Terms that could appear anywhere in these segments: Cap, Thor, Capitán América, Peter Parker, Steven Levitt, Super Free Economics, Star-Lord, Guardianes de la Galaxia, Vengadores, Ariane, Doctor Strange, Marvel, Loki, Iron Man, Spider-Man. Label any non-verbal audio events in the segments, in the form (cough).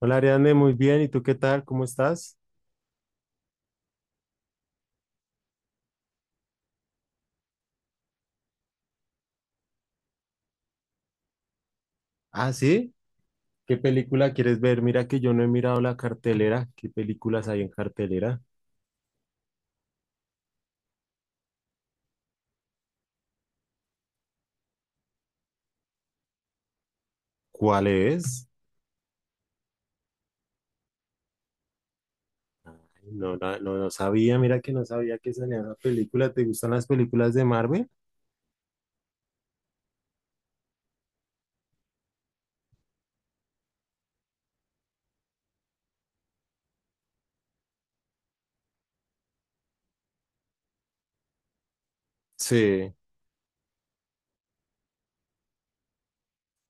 Hola Ariane, muy bien. ¿Y tú qué tal? ¿Cómo estás? Ah, sí. ¿Qué película quieres ver? Mira que yo no he mirado la cartelera. ¿Qué películas hay en cartelera? ¿Cuál es? Ay, no, no, no sabía, mira que no sabía que salía una película. ¿Te gustan las películas de Marvel? Sí.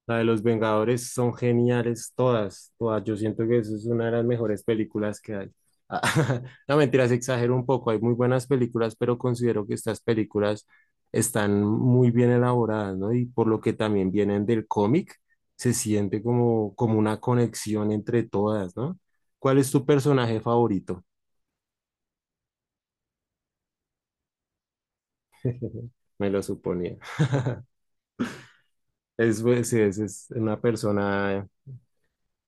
La de los Vengadores son geniales todas, todas. Yo siento que eso es una de las mejores películas que hay. (laughs) No, mentiras, exagero un poco. Hay muy buenas películas, pero considero que estas películas están muy bien elaboradas, ¿no? Y por lo que también vienen del cómic, se siente como, como una conexión entre todas, ¿no? ¿Cuál es tu personaje favorito? (laughs) Me lo suponía. Es, pues, sí, es una persona.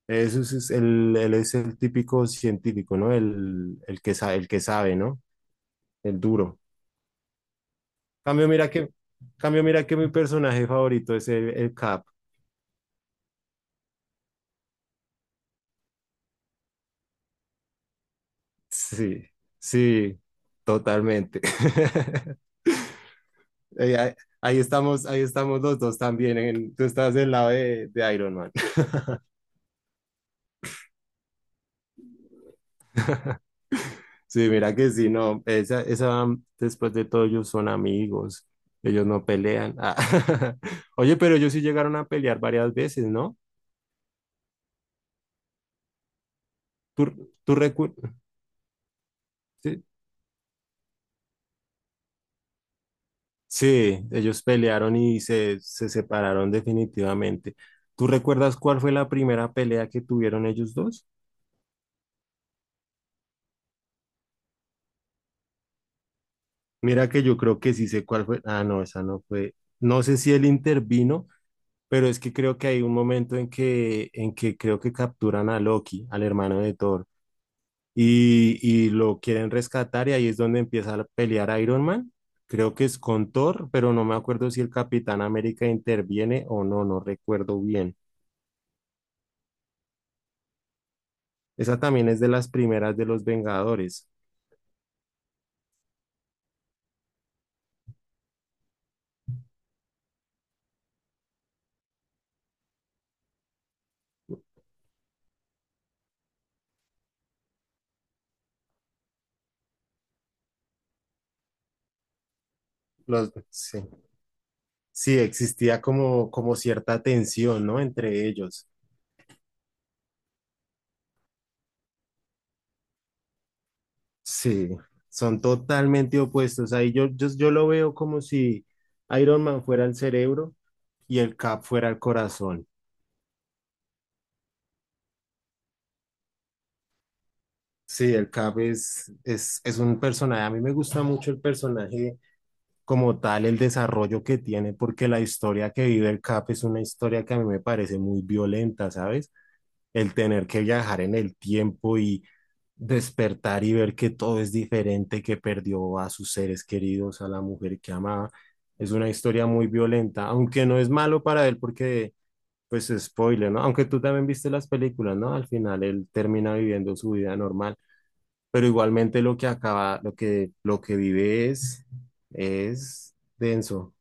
Eso es el, él es el típico científico, ¿no? El que sabe, ¿no? El duro. Cambio, mira que, cambio, mira que mi personaje favorito es el Cap. Sí, sí, totalmente. (laughs) Ahí, ahí estamos los dos también. Tú estás del lado de Iron Man. (laughs) Sí, mira que sí, no. Esa, después de todo, ellos son amigos. Ellos no pelean. Ah. (laughs) Oye, pero ellos sí llegaron a pelear varias veces, ¿no? ¿¿Tú recuerdas? Sí, sí, ellos pelearon y se separaron definitivamente. ¿Tú recuerdas cuál fue la primera pelea que tuvieron ellos dos? Mira que yo creo que sí sé cuál fue. Ah, no, esa no fue. No sé si él intervino, pero es que creo que hay un momento en que creo que capturan a Loki, al hermano de Thor, y lo quieren rescatar y ahí es donde empieza a pelear Iron Man. Creo que es con Thor, pero no me acuerdo si el Capitán América interviene o no, no recuerdo bien. Esa también es de las primeras de los Vengadores. Los, sí. Sí, existía como, como cierta tensión, ¿no? Entre ellos. Sí, son totalmente opuestos. Ahí yo, yo, yo lo veo como si Iron Man fuera el cerebro y el Cap fuera el corazón. Sí, el Cap es un personaje. A mí me gusta mucho el personaje como tal, el desarrollo que tiene, porque la historia que vive el Cap es una historia que a mí me parece muy violenta, ¿sabes? El tener que viajar en el tiempo y despertar y ver que todo es diferente, que perdió a sus seres queridos, a la mujer que amaba. Es una historia muy violenta, aunque no es malo para él porque, pues, spoiler, ¿no? Aunque tú también viste las películas, ¿no? Al final él termina viviendo su vida normal, pero igualmente lo que acaba, lo que vive es denso.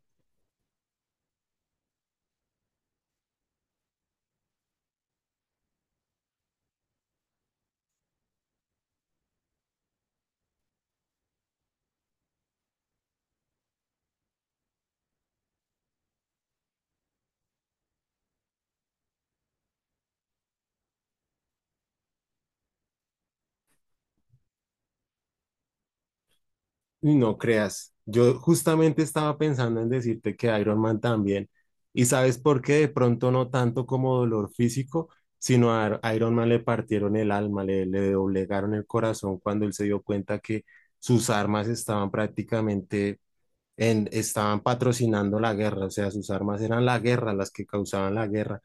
Y no creas, yo justamente estaba pensando en decirte que Iron Man también. ¿Y sabes por qué? De pronto no tanto como dolor físico, sino a Iron Man le partieron el alma, le doblegaron el corazón cuando él se dio cuenta que sus armas estaban prácticamente en, estaban patrocinando la guerra, o sea, sus armas eran la guerra, las que causaban la guerra.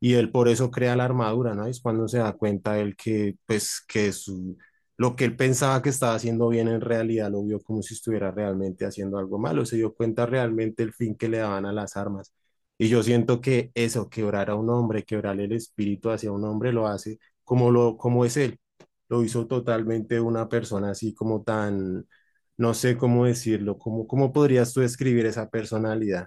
Y él por eso crea la armadura, ¿no? Es cuando se da cuenta él que, pues, que su, lo que él pensaba que estaba haciendo bien en realidad lo vio como si estuviera realmente haciendo algo malo, se dio cuenta realmente el fin que le daban a las armas. Y yo siento que eso, quebrar a un hombre, quebrar el espíritu hacia un hombre, lo hace como, lo, como es él. Lo hizo totalmente una persona así como tan, no sé cómo decirlo, cómo, cómo podrías tú describir esa personalidad.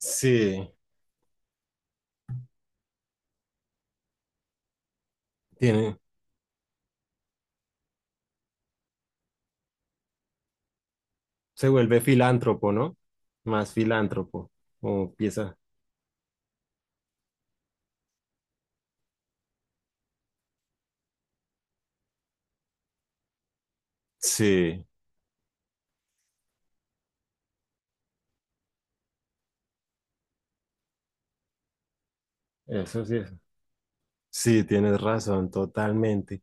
Sí, tiene, se vuelve filántropo, ¿no? Más filántropo, o empieza. Sí, eso sí es. Sí, tienes razón, totalmente.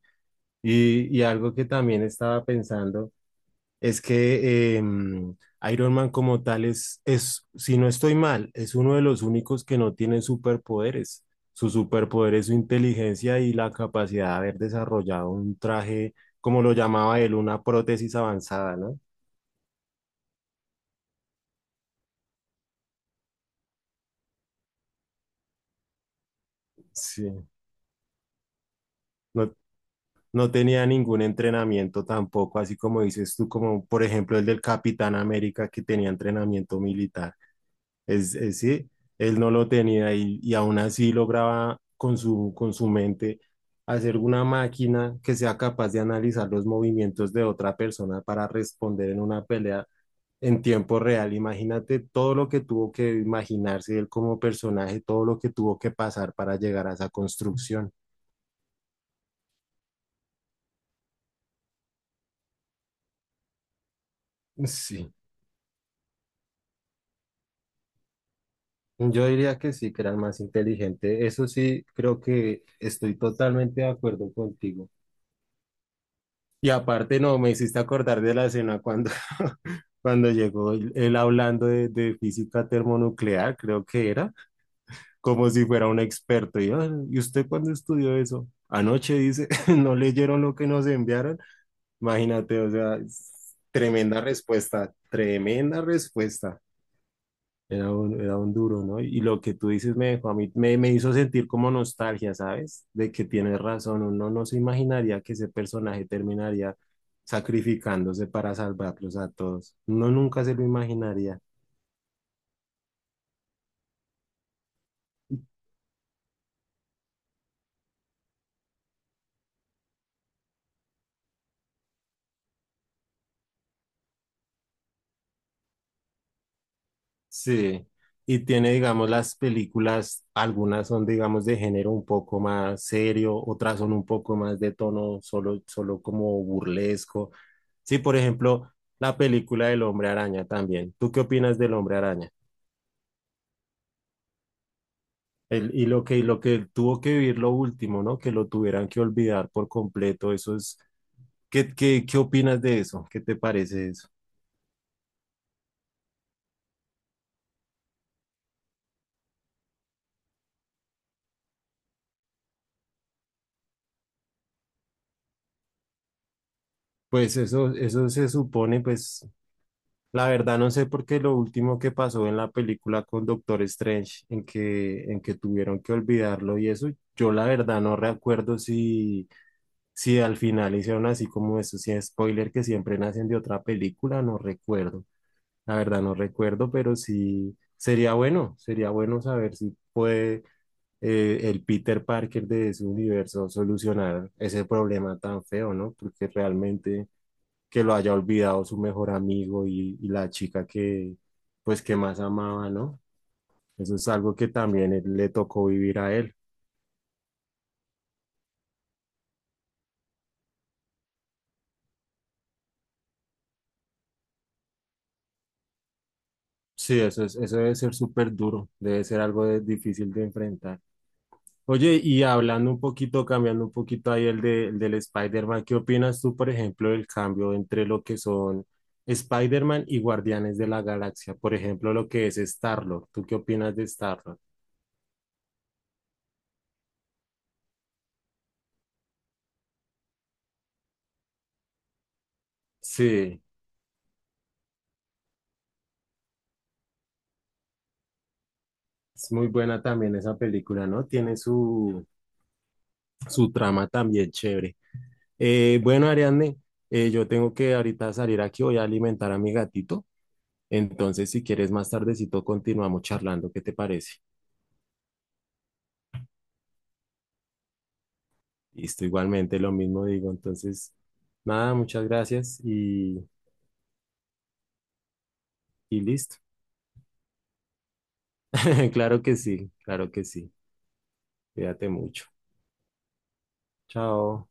Y algo que también estaba pensando es que Iron Man como tal es, si no estoy mal, es uno de los únicos que no tiene superpoderes. Su superpoder es su inteligencia y la capacidad de haber desarrollado un traje, como lo llamaba él, una prótesis avanzada, ¿no? Sí. No, no tenía ningún entrenamiento tampoco, así como dices tú, como por ejemplo el del Capitán América que tenía entrenamiento militar. Es sí él no lo tenía y aún así lograba con su mente hacer una máquina que sea capaz de analizar los movimientos de otra persona para responder en una pelea en tiempo real. Imagínate todo lo que tuvo que imaginarse él como personaje, todo lo que tuvo que pasar para llegar a esa construcción. Sí. Yo diría que sí, que era el más inteligente. Eso sí, creo que estoy totalmente de acuerdo contigo. Y aparte, no, me hiciste acordar de la escena cuando, (laughs) cuando llegó él hablando de física termonuclear, creo que era, como si fuera un experto. Y, "Ah, ¿y usted cuándo estudió eso? Anoche", dice, (laughs) no leyeron lo que nos enviaron. Imagínate, o sea, es tremenda respuesta, tremenda respuesta. Era un duro, ¿no? Y lo que tú dices me dejó a mí, me hizo sentir como nostalgia, ¿sabes? De que tienes razón, uno no se imaginaría que ese personaje terminaría sacrificándose para salvarlos a todos. Uno nunca se lo imaginaría. Sí. Y tiene, digamos, las películas, algunas son, digamos, de género un poco más serio, otras son un poco más de tono solo, solo como burlesco. Sí, por ejemplo, la película del Hombre Araña también. ¿Tú qué opinas del Hombre Araña? Y lo que tuvo que vivir lo último, ¿no? Que lo tuvieran que olvidar por completo, eso es, ¿qué, qué, qué opinas de eso? ¿Qué te parece eso? Pues eso se supone, pues, la verdad no sé por qué lo último que pasó en la película con Doctor Strange, en que tuvieron que olvidarlo y eso, yo la verdad no recuerdo si, si al final hicieron así como eso, si es spoiler que siempre nacen de otra película, no recuerdo. La verdad no recuerdo, pero sí sería bueno saber si puede el Peter Parker de su universo solucionar ese problema tan feo, ¿no? Porque realmente que lo haya olvidado su mejor amigo y la chica que, pues, que más amaba, ¿no? Eso es algo que también le tocó vivir a él. Sí, eso es, eso debe ser súper duro, debe ser algo difícil de enfrentar. Oye, y hablando un poquito, cambiando un poquito ahí el, el del Spider-Man, ¿qué opinas tú, por ejemplo, del cambio entre lo que son Spider-Man y Guardianes de la Galaxia? Por ejemplo, lo que es Star-Lord. ¿Tú qué opinas de Star-Lord? Sí, es muy buena también esa película, ¿no? Tiene su, su trama también chévere. Bueno, Ariadne, yo tengo que ahorita salir aquí, voy a alimentar a mi gatito. Entonces, si quieres más tardecito, continuamos charlando. ¿Qué te parece? Listo, igualmente lo mismo digo. Entonces, nada, muchas gracias y listo. (laughs) Claro que sí, claro que sí. Cuídate mucho. Chao.